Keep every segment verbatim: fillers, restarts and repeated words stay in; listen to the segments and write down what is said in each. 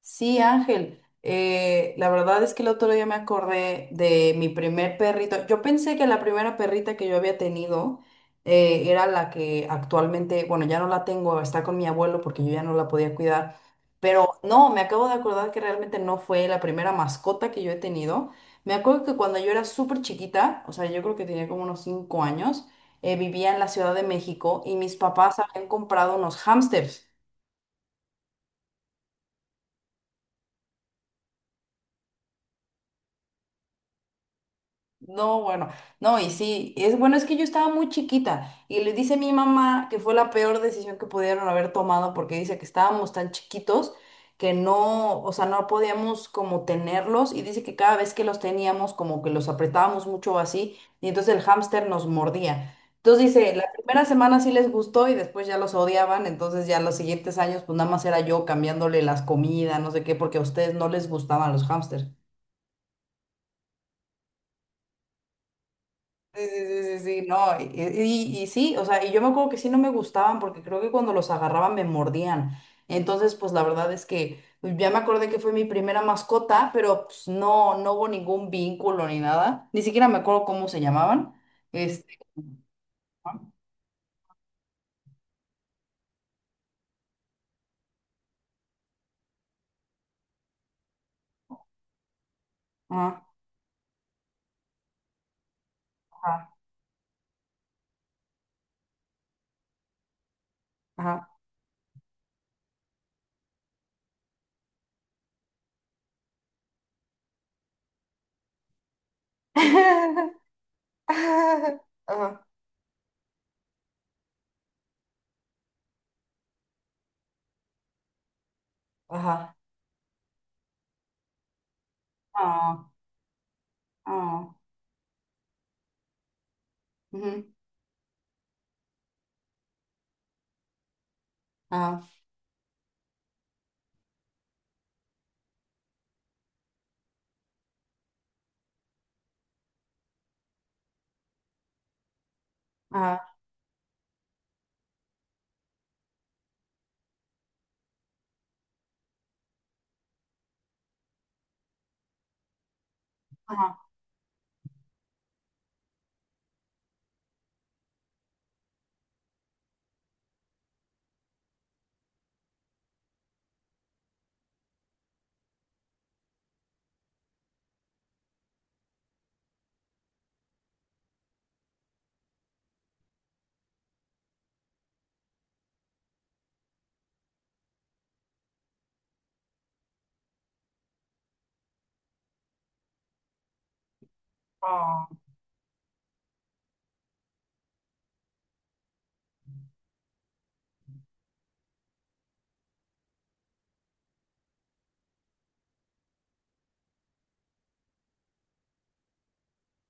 Sí, Ángel, eh, la verdad es que el otro día me acordé de mi primer perrito. Yo pensé que la primera perrita que yo había tenido eh, era la que actualmente, bueno, ya no la tengo, está con mi abuelo porque yo ya no la podía cuidar. Pero no, me acabo de acordar que realmente no fue la primera mascota que yo he tenido. Me acuerdo que cuando yo era súper chiquita, o sea, yo creo que tenía como unos cinco años, eh, vivía en la Ciudad de México y mis papás habían comprado unos hámsters. No, bueno, no, y sí, es bueno, es que yo estaba muy chiquita y le dice mi mamá que fue la peor decisión que pudieron haber tomado porque dice que estábamos tan chiquitos que no, o sea, no podíamos como tenerlos y dice que cada vez que los teníamos como que los apretábamos mucho así y entonces el hámster nos mordía. Entonces dice, la primera semana sí les gustó y después ya los odiaban, entonces ya los siguientes años pues nada más era yo cambiándole las comidas, no sé qué, porque a ustedes no les gustaban los hámsters. Sí, sí, sí, sí, sí, no, y, y- y sí, o sea, y yo me acuerdo que sí no me gustaban porque creo que cuando los agarraban me mordían. Entonces, pues la verdad es que pues, ya me acordé que fue mi primera mascota, pero pues no, no hubo ningún vínculo ni nada. Ni siquiera me acuerdo cómo se llamaban. Este, ajá, ajá, ajá. Ajá, ajá, ah, ah, ujú, ajá, ajá, ajá, ah,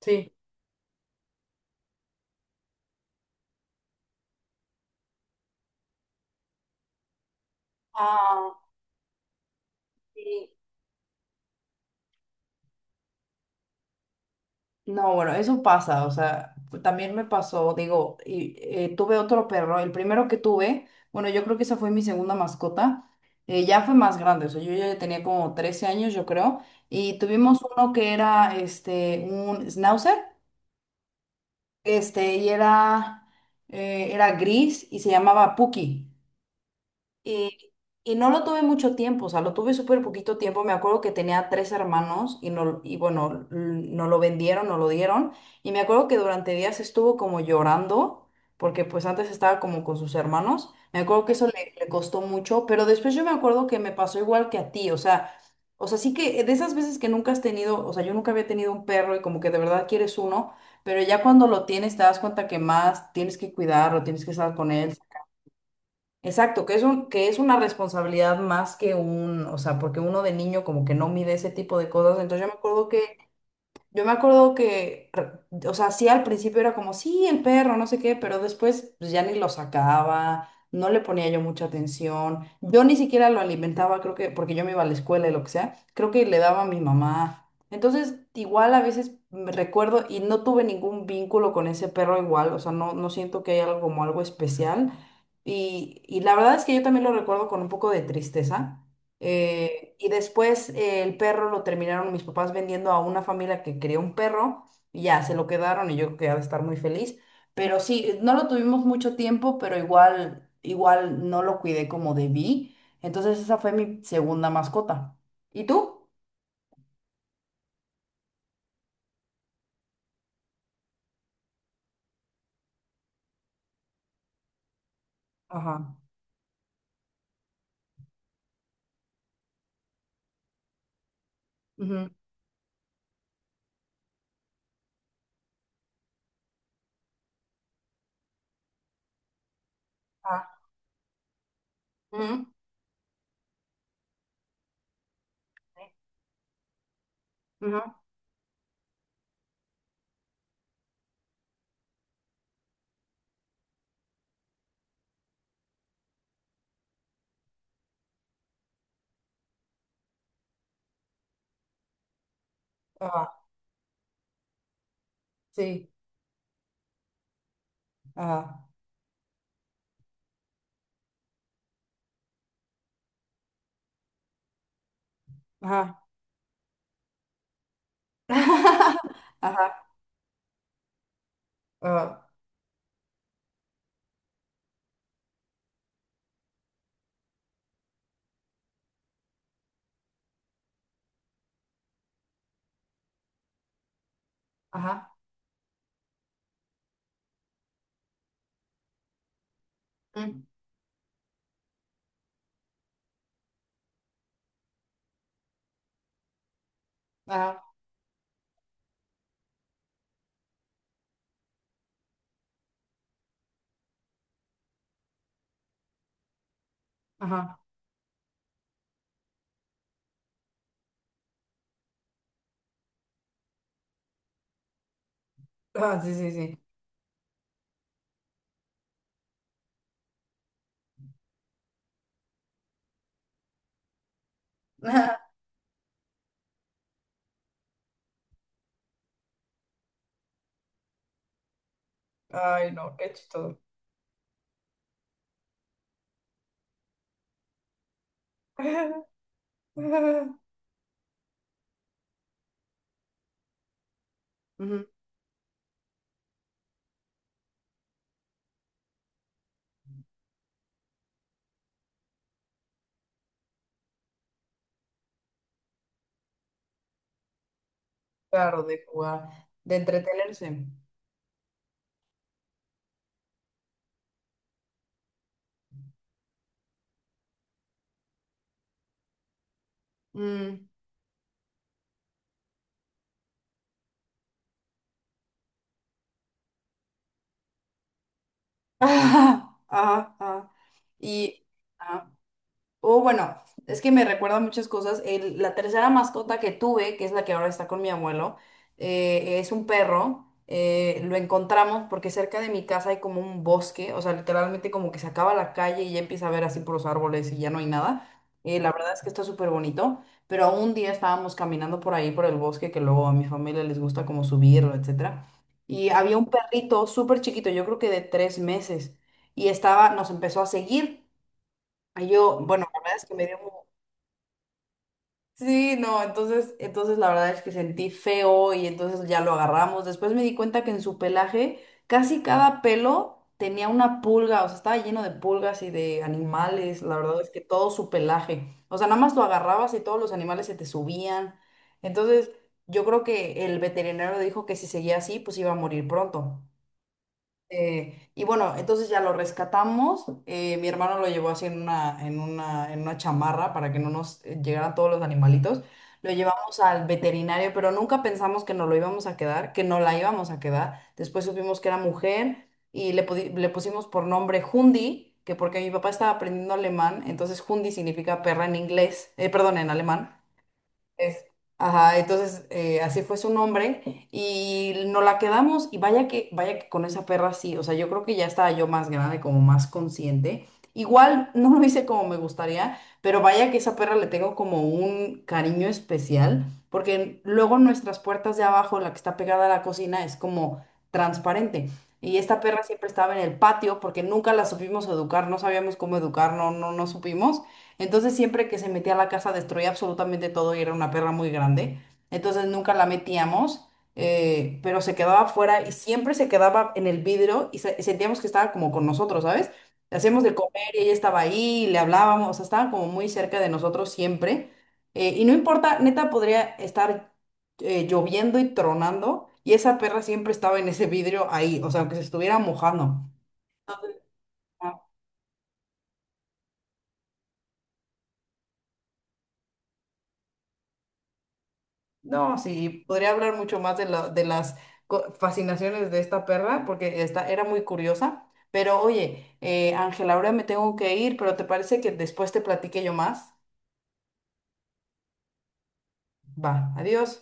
sí, ah, sí. No, bueno, eso pasa, o sea, también me pasó, digo, y, eh, tuve otro perro, el primero que tuve, bueno, yo creo que esa fue mi segunda mascota, eh, ya fue más grande, o sea, yo ya tenía como trece años, yo creo, y tuvimos uno que era, este, un schnauzer, este, y era, eh, era gris y se llamaba Puki. Y, y no lo tuve mucho tiempo, o sea, lo tuve súper poquito tiempo. Me acuerdo que tenía tres hermanos y, no, y bueno, l- no lo vendieron, no lo dieron. Y me acuerdo que durante días estuvo como llorando, porque pues antes estaba como con sus hermanos. Me acuerdo que eso le, le costó mucho, pero después yo me acuerdo que me pasó igual que a ti, o sea, o sea, sí que de esas veces que nunca has tenido, o sea, yo nunca había tenido un perro y como que de verdad quieres uno, pero ya cuando lo tienes te das cuenta que más tienes que cuidarlo, tienes que estar con él. Exacto, que es un, que es una responsabilidad más que un, o sea, porque uno de niño como que no mide ese tipo de cosas. Entonces yo me acuerdo que yo me acuerdo que, re- o sea, sí al principio era como, sí, el perro, no sé qué, pero después pues, ya ni lo sacaba, no le ponía yo mucha atención, yo ni siquiera lo alimentaba, creo que, porque yo me iba a la escuela y lo que sea, creo que le daba a mi mamá. Entonces, igual a veces me recuerdo y no tuve ningún vínculo con ese perro igual, o sea, no, no siento que haya algo como algo especial. Y, y la verdad es que yo también lo recuerdo con un poco de tristeza eh, y después eh, el perro lo terminaron mis papás vendiendo a una familia que quería un perro y ya se lo quedaron y yo creo que ha de estar muy feliz. Pero sí, no lo tuvimos mucho tiempo, pero igual, igual no lo cuidé como debí. Entonces esa fue mi segunda mascota. ¿Y tú? Ajá. Ujú. Ah. Ujú, ujú, ajá. Sí. Ajá. Ajá. Ajá. Ajá. Ajá. Mm, ajá. Ajá. Ah, sí, sí, sí. Ay, no, qué chistoso. Ujú. Claro, de jugar, de entretenerse. Mm. Ajá, ajá. Y, ah, o bueno, es que me recuerda muchas cosas. El- la tercera mascota que tuve, que es la que ahora está con mi abuelo, eh, es un perro. Eh, lo encontramos porque cerca de mi casa hay como un bosque, o sea, literalmente como que se acaba la calle y ya empieza a ver así por los árboles y ya no hay nada. Eh, la verdad es que está súper bonito, pero un día estábamos caminando por ahí, por el bosque, que luego a mi familia les gusta como subirlo, etcétera. Y había un perrito súper chiquito, yo creo que de tres meses, y estaba, nos empezó a seguir. Ay, yo, bueno, la verdad es que me dio... mu- Sí, no, entonces, entonces la verdad es que sentí feo y entonces ya lo agarramos. Después me di cuenta que en su pelaje casi cada pelo tenía una pulga, o sea, estaba lleno de pulgas y de animales, la verdad es que todo su pelaje. O sea, nada más lo agarrabas y todos los animales se te subían. Entonces, yo creo que el veterinario dijo que si seguía así, pues iba a morir pronto. Eh, y bueno, entonces ya lo rescatamos. Eh, mi hermano lo llevó así en una, en una, en una chamarra para que no nos eh, llegaran todos los animalitos. Lo llevamos al veterinario, pero nunca pensamos que nos lo íbamos a quedar, que no la íbamos a quedar. Después supimos que era mujer y le, pudi- le pusimos por nombre Hundi, que porque mi papá estaba aprendiendo alemán, entonces Hundi significa perra en inglés, eh, perdón, en alemán. Es- ajá, entonces eh, así fue su nombre y nos la quedamos y vaya que, vaya que con esa perra sí, o sea, yo creo que ya estaba yo más grande, como más consciente. Igual no lo hice como me gustaría, pero vaya que esa perra le tengo como un cariño especial, porque luego nuestras puertas de abajo, la que está pegada a la cocina, es como transparente. Y esta perra siempre estaba en el patio porque nunca la supimos educar, no sabíamos cómo educar, no, no, no supimos. Entonces siempre que se metía a la casa destruía absolutamente todo y era una perra muy grande. Entonces nunca la metíamos, eh, pero se quedaba afuera y siempre se quedaba en el vidrio y se- sentíamos que estaba como con nosotros, ¿sabes? Le hacíamos de comer y ella estaba ahí, y le hablábamos, o sea, estaba como muy cerca de nosotros siempre. Eh, y no importa, neta podría estar eh, lloviendo y tronando y esa perra siempre estaba en ese vidrio ahí, o sea, aunque se estuviera mojando. No, sí, podría hablar mucho más de, la- de las co- fascinaciones de esta perra, porque esta era muy curiosa. Pero oye, eh, Ángela, ahora me tengo que ir, pero ¿te parece que después te platique yo más? Va, adiós.